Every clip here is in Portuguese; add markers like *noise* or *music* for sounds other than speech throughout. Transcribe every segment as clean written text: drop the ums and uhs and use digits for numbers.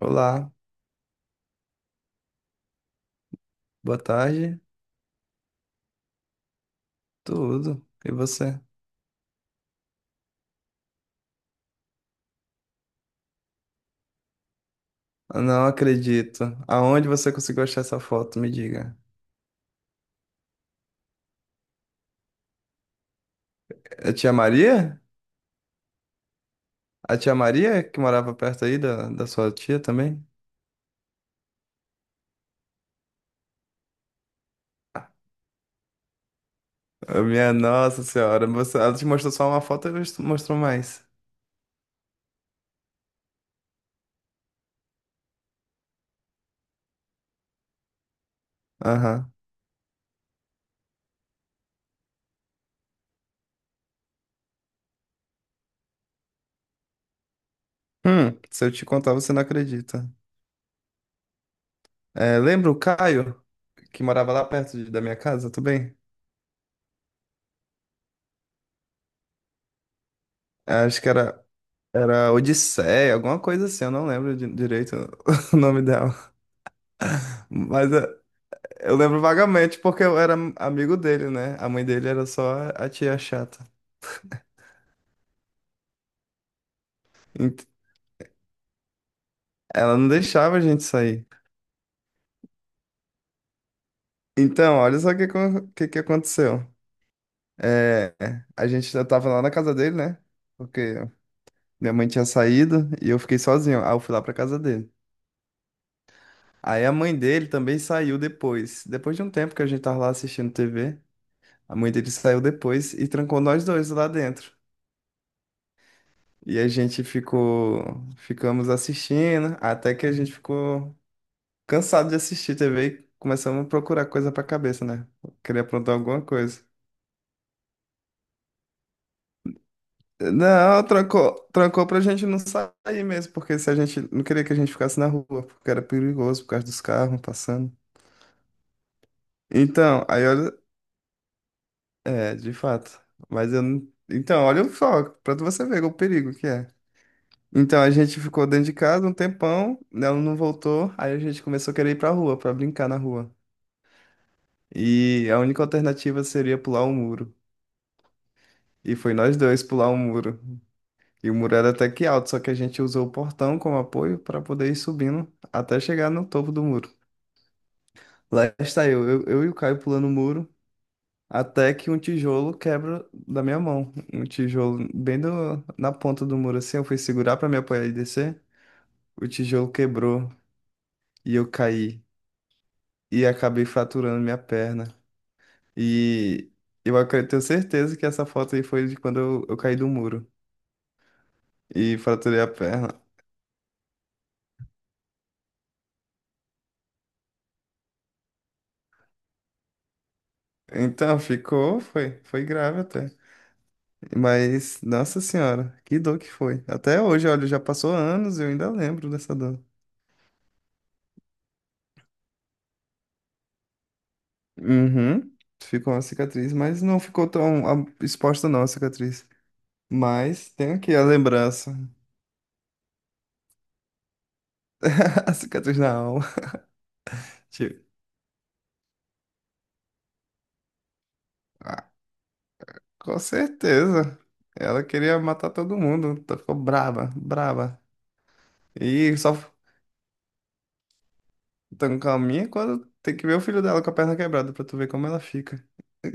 Olá, boa tarde, tudo. E você? Não acredito. Aonde você conseguiu achar essa foto? Me diga. A tia Maria? A tia Maria que morava perto aí da sua tia também? Ah, minha nossa senhora, você, ela te mostrou só uma foto e mostrou mais. Aham. Se eu te contar, você não acredita. É, lembra o Caio, que morava lá perto da minha casa também? É, acho que era, era Odisseia, alguma coisa assim, eu não lembro direito *laughs* o nome dela. Mas é. Eu lembro vagamente porque eu era amigo dele, né? A mãe dele era só a tia chata. Ent- Ela não deixava a gente sair. Então, olha só o que aconteceu. É, a gente já tava lá na casa dele, né? Porque minha mãe tinha saído e eu fiquei sozinho. Aí eu fui lá pra casa dele. Aí a mãe dele também saiu depois. Depois de um tempo que a gente tava lá assistindo TV, a mãe dele saiu depois e trancou nós dois lá dentro. E a gente ficou, ficamos assistindo até que a gente ficou cansado de assistir TV e começamos a procurar coisa pra cabeça, né? Queria aprontar alguma coisa. Não, trancou pra gente não sair mesmo, porque se a gente não queria que a gente ficasse na rua, porque era perigoso por causa dos carros passando. Então, aí olha, é, de fato. Mas eu não. Então, olha o foco, pra você ver o perigo que é. Então a gente ficou dentro de casa um tempão, né, ela não voltou, aí a gente começou a querer ir pra rua, pra brincar na rua. E a única alternativa seria pular um muro. E foi nós dois pular um muro. E o muro era até que alto, só que a gente usou o portão como apoio para poder ir subindo até chegar no topo do muro. Lá está eu e o Caio pulando o muro, até que um tijolo quebra da minha mão. Um tijolo bem na ponta do muro, assim. Eu fui segurar para me apoiar e descer. O tijolo quebrou e eu caí. E acabei fraturando minha perna. E eu tenho certeza que essa foto aí foi de quando eu caí do muro e fraturei a perna. Então foi grave até. Mas, nossa senhora, que dor que foi. Até hoje, olha, já passou anos e eu ainda lembro dessa dor. Uhum. Ficou uma cicatriz, mas não ficou tão ah, exposta não a cicatriz. Mas tem aqui a lembrança. *laughs* A cicatriz na alma. Tipo, ah, com certeza. Ela queria matar todo mundo. Então ficou brava, brava. E só tão calminha quando tem que ver o filho dela com a perna quebrada pra tu ver como ela fica. *laughs*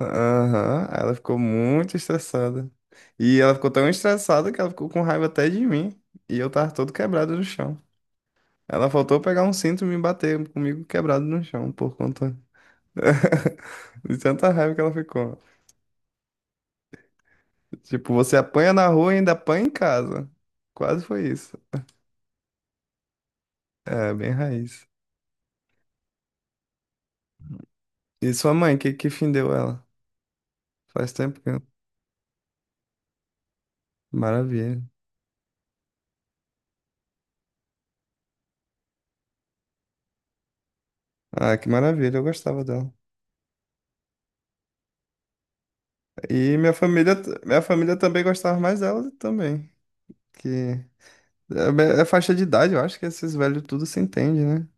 Aham, ela ficou muito estressada. E ela ficou tão estressada que ela ficou com raiva até de mim. E eu tava todo quebrado no chão. Ela faltou pegar um cinto e me bater comigo quebrado no chão por conta *laughs* de tanta raiva que ela ficou. Tipo, você apanha na rua e ainda apanha em casa. Quase foi isso. É, bem raiz. E sua mãe, que fim deu ela? Faz tempo que eu... Maravilha. Ah, que maravilha, eu gostava dela. E minha família também gostava mais dela também. Que é, é faixa de idade, eu acho que esses velhos tudo se entende, né?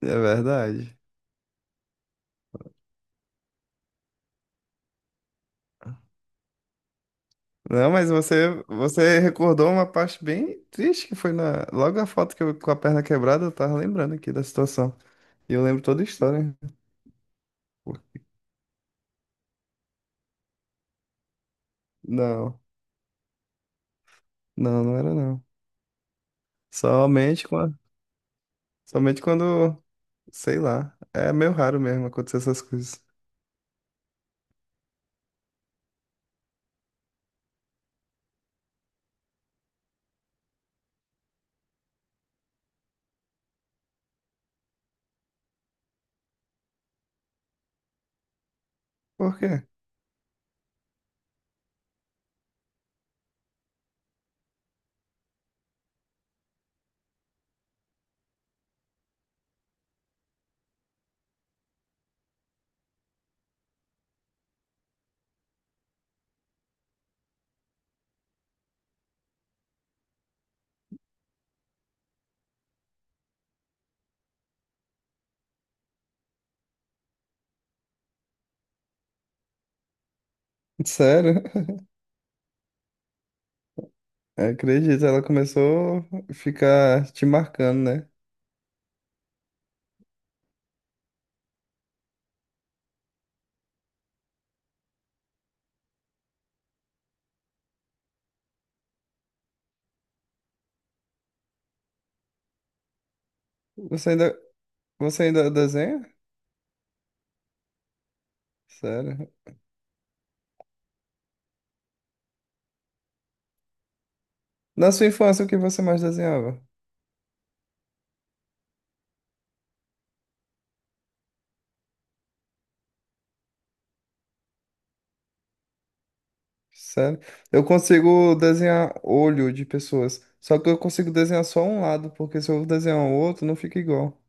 É verdade. Não, mas você recordou uma parte bem triste que foi na, logo a foto que eu com a perna quebrada, eu tava lembrando aqui da situação. E eu lembro toda a história. Não, não, não era não. Somente quando, somente quando, sei lá, é meio raro mesmo acontecer essas coisas. Por quê? Sério? *laughs* Acredito, ela começou a ficar te marcando, né? Você ainda, você ainda desenha? Sério? Na sua infância, o que você mais desenhava? Sério? Eu consigo desenhar olho de pessoas, só que eu consigo desenhar só um lado, porque se eu desenhar o outro, não fica igual.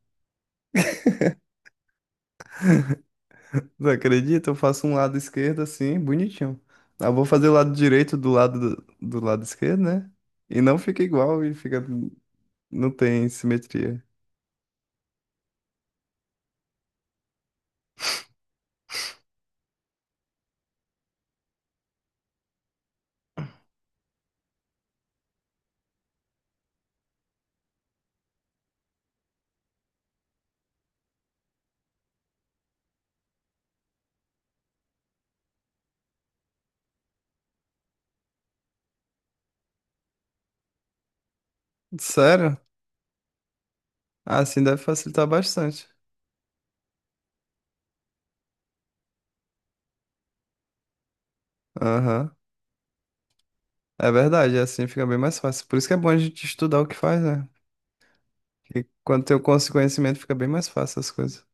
Não acredita? Eu faço um lado esquerdo assim, bonitinho. Eu vou fazer o lado direito do lado esquerdo, né? E não fica igual e fica não tem simetria. Sério? Ah, assim deve facilitar bastante. Aham. É verdade, assim fica bem mais fácil. Por isso que é bom a gente estudar o que faz, né? E quando tem o conhecimento, fica bem mais fácil as coisas.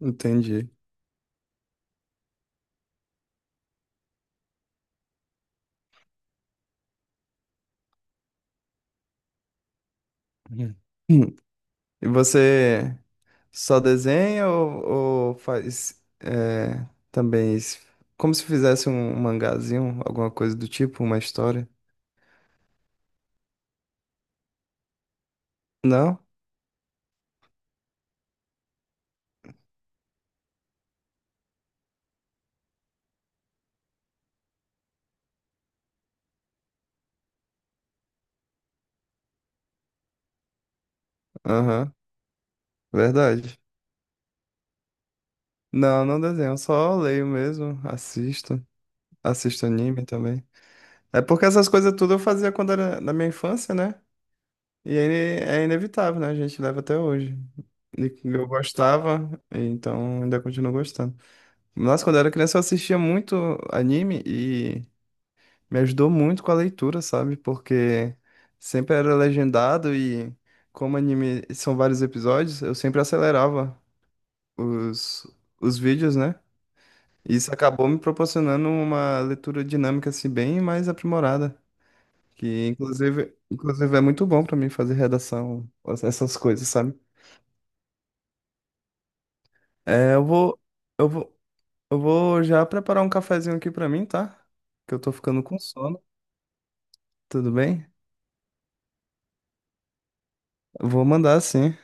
Entendi. Uhum. Hum. E você só desenha ou faz é, também como se fizesse um mangazinho, alguma coisa do tipo, uma história? Não? Aham, verdade. Não, não desenho, só leio mesmo, assisto, assisto anime também. É porque essas coisas tudo eu fazia quando era na minha infância, né? E é inevitável, né? A gente leva até hoje. E que eu gostava, então ainda continuo gostando. Nossa, quando eu era criança eu assistia muito anime e me ajudou muito com a leitura, sabe? Porque sempre era legendado e como anime são vários episódios, eu sempre acelerava os, os vídeos, né? E isso acabou me proporcionando uma leitura dinâmica assim bem mais aprimorada, que inclusive é muito bom pra mim fazer redação, essas coisas, sabe? É, eu vou, eu vou já preparar um cafezinho aqui pra mim, tá? Que eu tô ficando com sono, tudo bem? Eu vou mandar sim.